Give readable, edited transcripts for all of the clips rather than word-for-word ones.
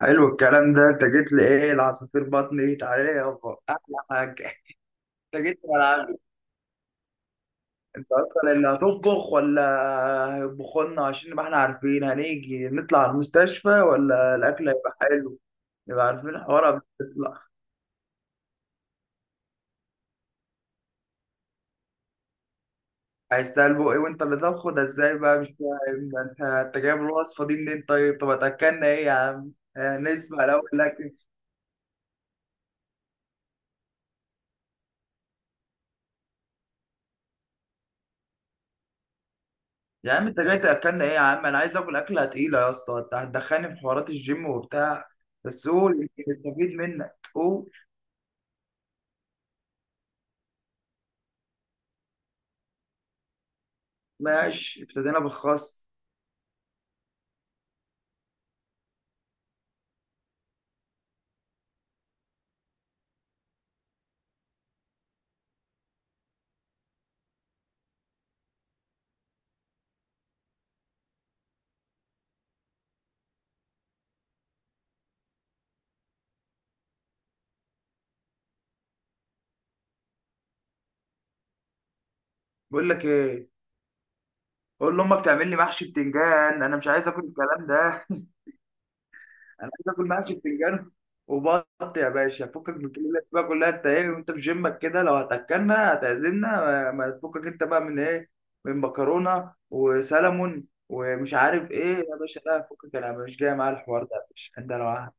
حلو الكلام ده، انت جيت لي ايه؟ العصافير بطني. تعالى يابا احلى حاجه. انت جيت لي ملعبي. انت اصلا اللي هتطبخ ولا هيطبخوا لنا عشان نبقى احنا عارفين هنيجي نطلع على المستشفى ولا الاكل هيبقى حلو. نبقى عارفين الحوار قبل ما نطلع. عايز تلبق ايه وانت اللي طبخه ده؟ ازاي بقى؟ مش فاهم. ده انت جايب الوصفه دي منين؟ طيب طب هتاكلنا ايه يا عم؟ نسمع الاول الاكل. يا عم انت جاي تاكلنا ايه يا عم؟ انا عايز اكل اكله تقيله يا اسطى. انت هتدخلني في حوارات الجيم وبتاع؟ بس قول، يمكن نستفيد منك، قول. ماشي، ابتدينا بالخس. بقول لك ايه، قول لامك تعمل لي محشي بتنجان، انا مش عايز اكل الكلام ده. انا عايز اكل محشي بتنجان وبط يا باشا. فكك من الكلمه اللي بقى كلها انت ايه وانت في جيمك كده. لو هتاكلنا هتعزمنا، ما تفكك انت بقى من ايه؟ من مكرونه وسلمون ومش عارف ايه يا باشا. لا فكك، انا مش جاي معايا الحوار ده يا باشا. انت لو،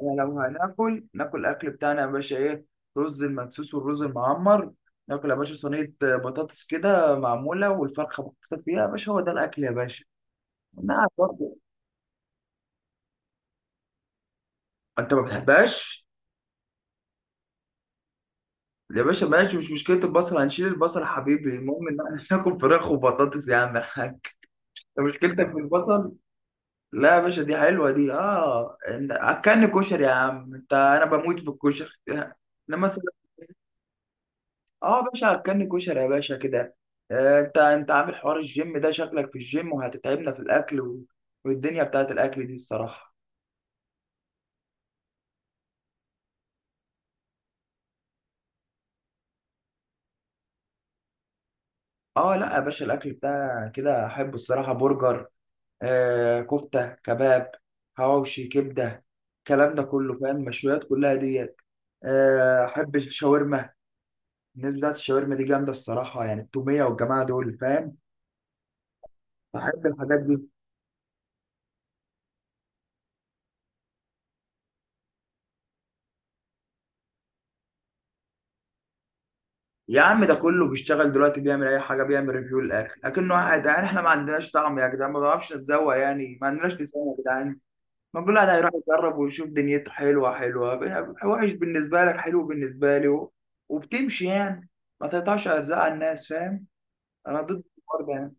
يعني لو هناكل، ناكل الاكل بتاعنا يا باشا. ايه؟ رز المدسوس والرز المعمر. ناكل يا باشا صينيه بطاطس كده معموله والفرخه محطوطه فيها يا باشا. هو ده الاكل يا باشا. نعم برضه. انت ما بتحبهاش؟ يا باشا ماشي، مش مشكله البصل، هنشيل البصل يا حبيبي. المهم ان احنا ناكل فراخ وبطاطس يا عم الحاج. انت مشكلتك في البصل. لا يا باشا دي حلوه دي. اه اكلني كشري يا عم انت، انا بموت في الكشري. انما اه يا باشا هتكني كشري يا باشا كده. انت عامل حوار الجيم ده، شكلك في الجيم وهتتعبنا في الاكل و... والدنيا بتاعت الاكل دي الصراحه. اه لا يا باشا، الاكل بتاع كده احبه الصراحه. برجر، آه كفته، كباب، حواوشي، كبده، الكلام ده كله فاهم. المشويات كلها ديت. احب الشاورما، الناس بتاعت الشاورما دي جامده الصراحه. يعني التوميه والجماعه دول فاهم. بحب الحاجات دي. يا عم ده كله بيشتغل دلوقتي، بيعمل اي حاجه، بيعمل ريفيو للاخر. لكنه واحد يعني، احنا ما عندناش طعم يا جدعان، ما بنعرفش نتذوق، يعني ما عندناش لسان يا جدعان. ما كل واحد هيروح يجرب ويشوف، دنيته حلوه حلوه، وحش بالنسبه لك حلو بالنسبه لي، و... وبتمشي يعني. ما تقطعش ارزاق على الناس، فاهم. انا ضد الحوار ده يعني.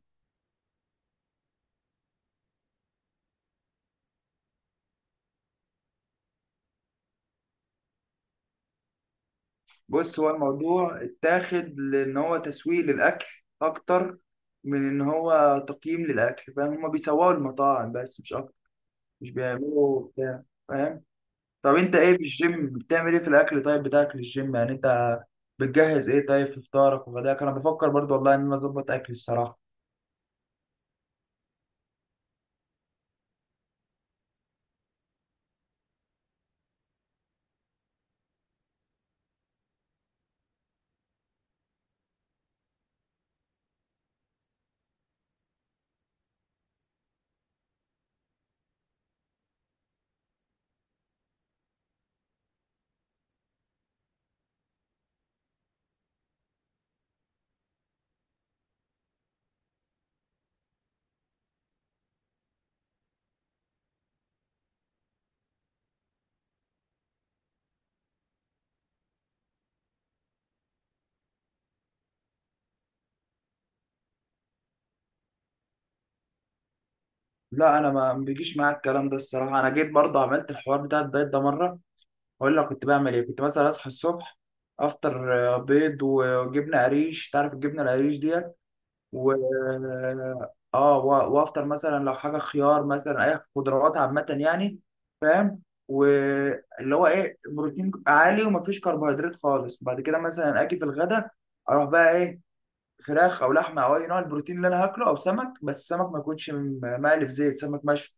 بص، هو الموضوع اتاخد لان هو تسويق للاكل اكتر من ان هو تقييم للاكل، فاهم. هما بيسوقوا المطاعم بس، مش اكتر. مش بيعملوا بتاع، فاهم. طب انت ايه في الجيم، بتعمل ايه في الاكل طيب بتاعك للجيم، يعني انت بتجهز ايه طيب في فطارك وغداك؟ انا بفكر برضو والله ان انا اظبط اكلي الصراحه. لا انا ما بيجيش معاك الكلام ده الصراحه. انا جيت برضو عملت الحوار بتاع الدايت ده مره. اقول لك كنت بعمل ايه؟ كنت مثلا اصحى الصبح، افطر بيض وجبنه قريش، تعرف الجبنه القريش دي؟ و، اه، وافطر مثلا لو حاجه خيار مثلا، اي خضروات عامه يعني، فاهم؟ واللي هو ايه، بروتين عالي ومفيش كربوهيدرات خالص. بعد كده مثلا اجي في الغدا، اروح بقى ايه؟ فراخ او لحمه او اي نوع البروتين اللي انا هاكله، او سمك، بس سمك ما يكونش مقلي في زيت، سمك مشوي.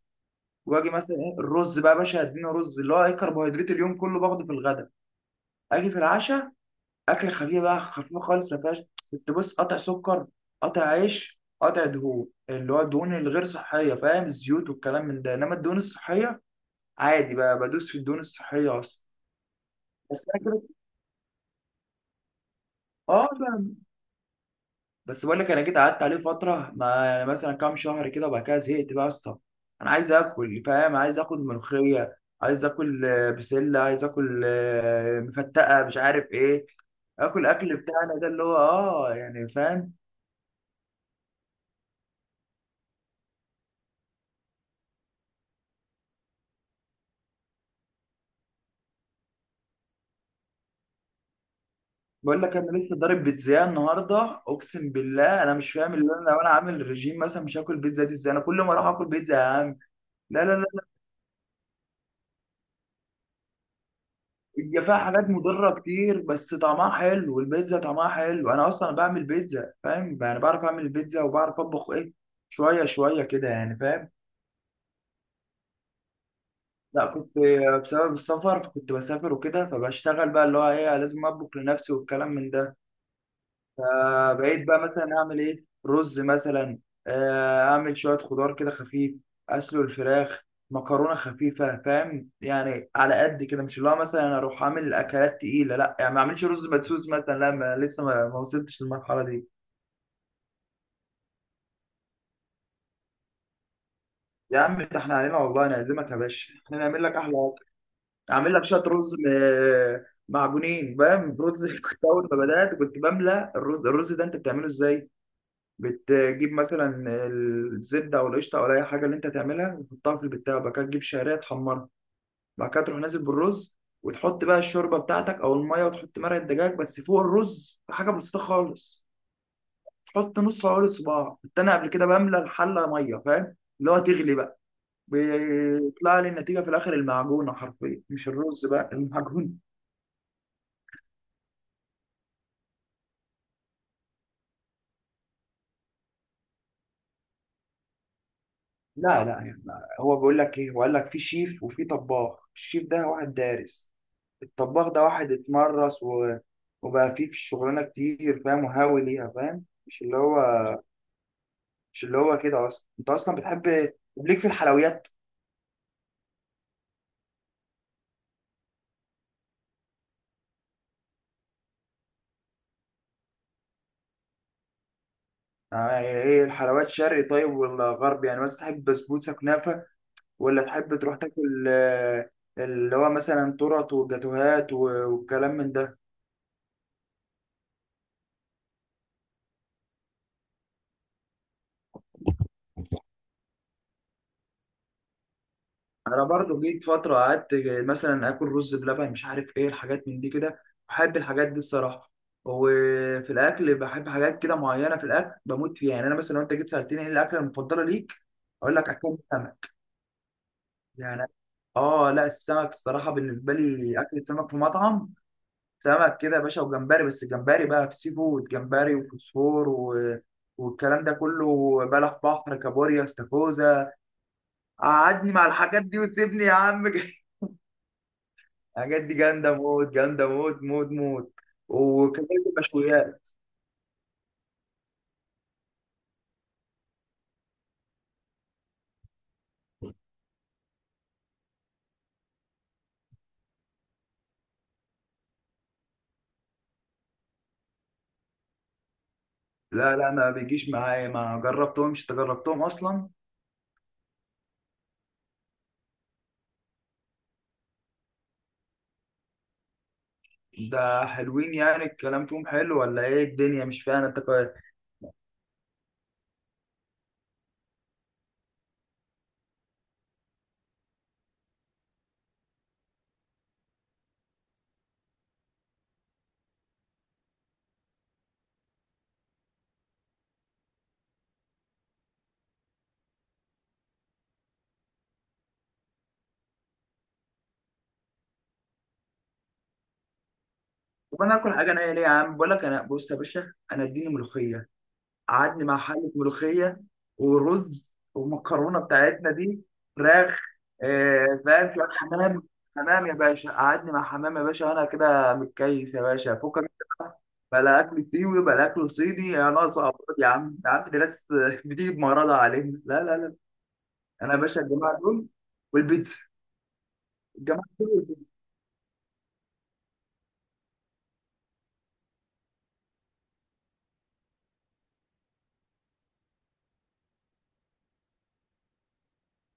واجي مثلا ايه الرز بقى يا باشا، هديني رز، اللي هو ايه، كربوهيدرات اليوم كله باخده في الغدا. اجي في العشاء اكل خفيف بقى، خفيف خالص ما فيهاش. كنت بص قطع سكر، قطع عيش، قطع دهون، اللي هو الدهون الغير صحيه فاهم، الزيوت والكلام من ده، انما الدهون الصحيه عادي بقى، بدوس في الدهون الصحيه اصلا. بس انا كده. اه بقى، بس بقول لك انا جيت قعدت عليه فتره، ما يعني مثلا كام شهر كده، وبعد كده زهقت بقى يا اسطى. انا عايز اكل فاهم، عايز اكل ملوخيه، عايز اكل بسله، عايز اكل مفتقه، مش عارف ايه. اكل اكل بتاعنا ده اللي هو اه يعني، فاهم. بقول لك انا لسه ضارب بيتزا النهارده اقسم بالله. انا مش فاهم، اللي انا لو انا عامل ريجيم مثلا مش هاكل بيتزا دي ازاي؟ انا كل ما اروح اكل بيتزا يا عم. لا لا لا، هي فيها حاجات مضره كتير بس طعمها حلو، والبيتزا طعمها حلو. انا اصلا بعمل بيتزا، فاهم يعني، بعرف اعمل البيتزا وبعرف اطبخ ايه، شويه شويه كده يعني، فاهم. لا، كنت بسبب السفر، كنت بسافر وكده، فبشتغل بقى اللي هو ايه، لازم اطبخ لنفسي والكلام من ده. آه بقيت بقى مثلا اعمل ايه، رز مثلا، آه اعمل شويه خضار كده خفيف، اسلق الفراخ، مكرونه خفيفه، فاهم يعني، على قد كده، مش اللي هو مثلا أنا اروح اعمل اكلات تقيله لا، يعني ما اعملش رز مدسوس مثلا لا، ما لسه ما وصلتش للمرحله دي. يا عم ده احنا علينا والله نعزمك يا باشا، احنا نعمل لك احلى اكل. اعمل لك شويه رز معجونين، فاهم، رز. كنت اول ما بدات كنت بملى الرز. الرز ده انت بتعمله ازاي؟ بتجيب مثلا الزبده او القشطه او اي حاجه اللي انت تعملها، وتحطها في البتاع. بعد كده تجيب شعريه تحمرها، بعد كده تروح نازل بالرز، وتحط بقى الشوربه بتاعتك او الميه، وتحط مرقه دجاج بس فوق الرز حاجه بسيطه خالص، تحط نص عقله صباع. كنت انا قبل كده بملى الحله ميه فاهم، اللي هو تغلي بقى، بيطلع لي النتيجه في الاخر المعجونه حرفيا، مش الرز بقى، المعجون. لا لا يعني، هو بيقول لك ايه، هو قال لك في شيف وفي طباخ. الشيف ده واحد دارس، الطباخ ده واحد اتمرس و... وبقى فيه في الشغلانه كتير فاهم، وهاوي ليها فاهم، مش اللي هو، مش اللي هو كده اصلا. انت اصلا بتحب ليك في الحلويات؟ يعني ايه الحلويات، شرقي طيب ولا غربي؟ يعني مثلا تحب بسبوسه، كنافه، ولا تحب تروح تاكل اللي هو مثلا تورت وجاتوهات والكلام من ده؟ انا برضو جيت فتره قعدت مثلا اكل رز بلبن، مش عارف ايه الحاجات من دي كده. بحب الحاجات دي الصراحه. وفي الاكل بحب حاجات كده معينه، في الاكل بموت فيها. يعني انا مثلا لو انت جيت سالتني ايه الاكله المفضله ليك؟ اقول لك اكل السمك. يعني اه لا، السمك الصراحه بالنسبه لي، اكل السمك في مطعم سمك كده يا باشا، وجمبري، بس الجمبري بقى في سي فود. جمبري وفوسفور و... والكلام ده كله، بلح بحر، كابوريا، استاكوزا، قعدني مع الحاجات دي وسيبني يا عم. الحاجات دي جامده موت، جامده موت موت موت. وكذلك المشويات. لا لا ما بيجيش معايا، ما جربتهمش. انت جربتهم اصلا؟ ده حلوين يعني؟ الكلام فيهم حلو ولا ايه الدنيا مش فاهم انت كويس. طب انا اكل حاجه نيه ليه يا عم؟ بقول لك انا بص يا باشا، انا اديني ملوخيه، قعدني مع حلة ملوخية، ورز، والمكرونة بتاعتنا دي، فراخ، فاهم، شوية حمام. حمام يا باشا، قعدني مع حمام يا باشا، وأنا كده متكيف يا باشا، فكك إنت بقى، بلا أكل سيوي بلا أكل صيني يا ناقصة أمراض. يا عم يا عم دي ناس بتيجي بمرضها علينا. لا لا لا، أنا يا باشا الجماعة دول والبيتزا، الجماعة دول والبيتزا.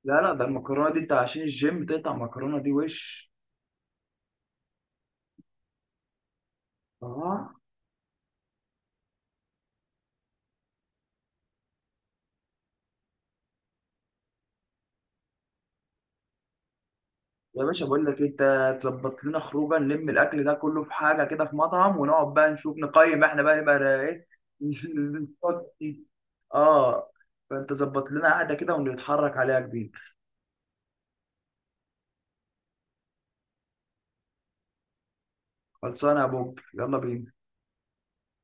لا لا، ده المكرونة دي أنت عشان الجيم تقطع المكرونة دي وش. آه يا باشا بقول لك إيه، انت تظبط لنا خروجه، نلم الاكل ده كله في حاجه كده في مطعم، ونقعد بقى نشوف، نقيم احنا بقى نبقى ايه. اه. فانت ظبط لنا قعده كده ونتحرك عليها كبير. خلصانه يا بوب، يلا بينا.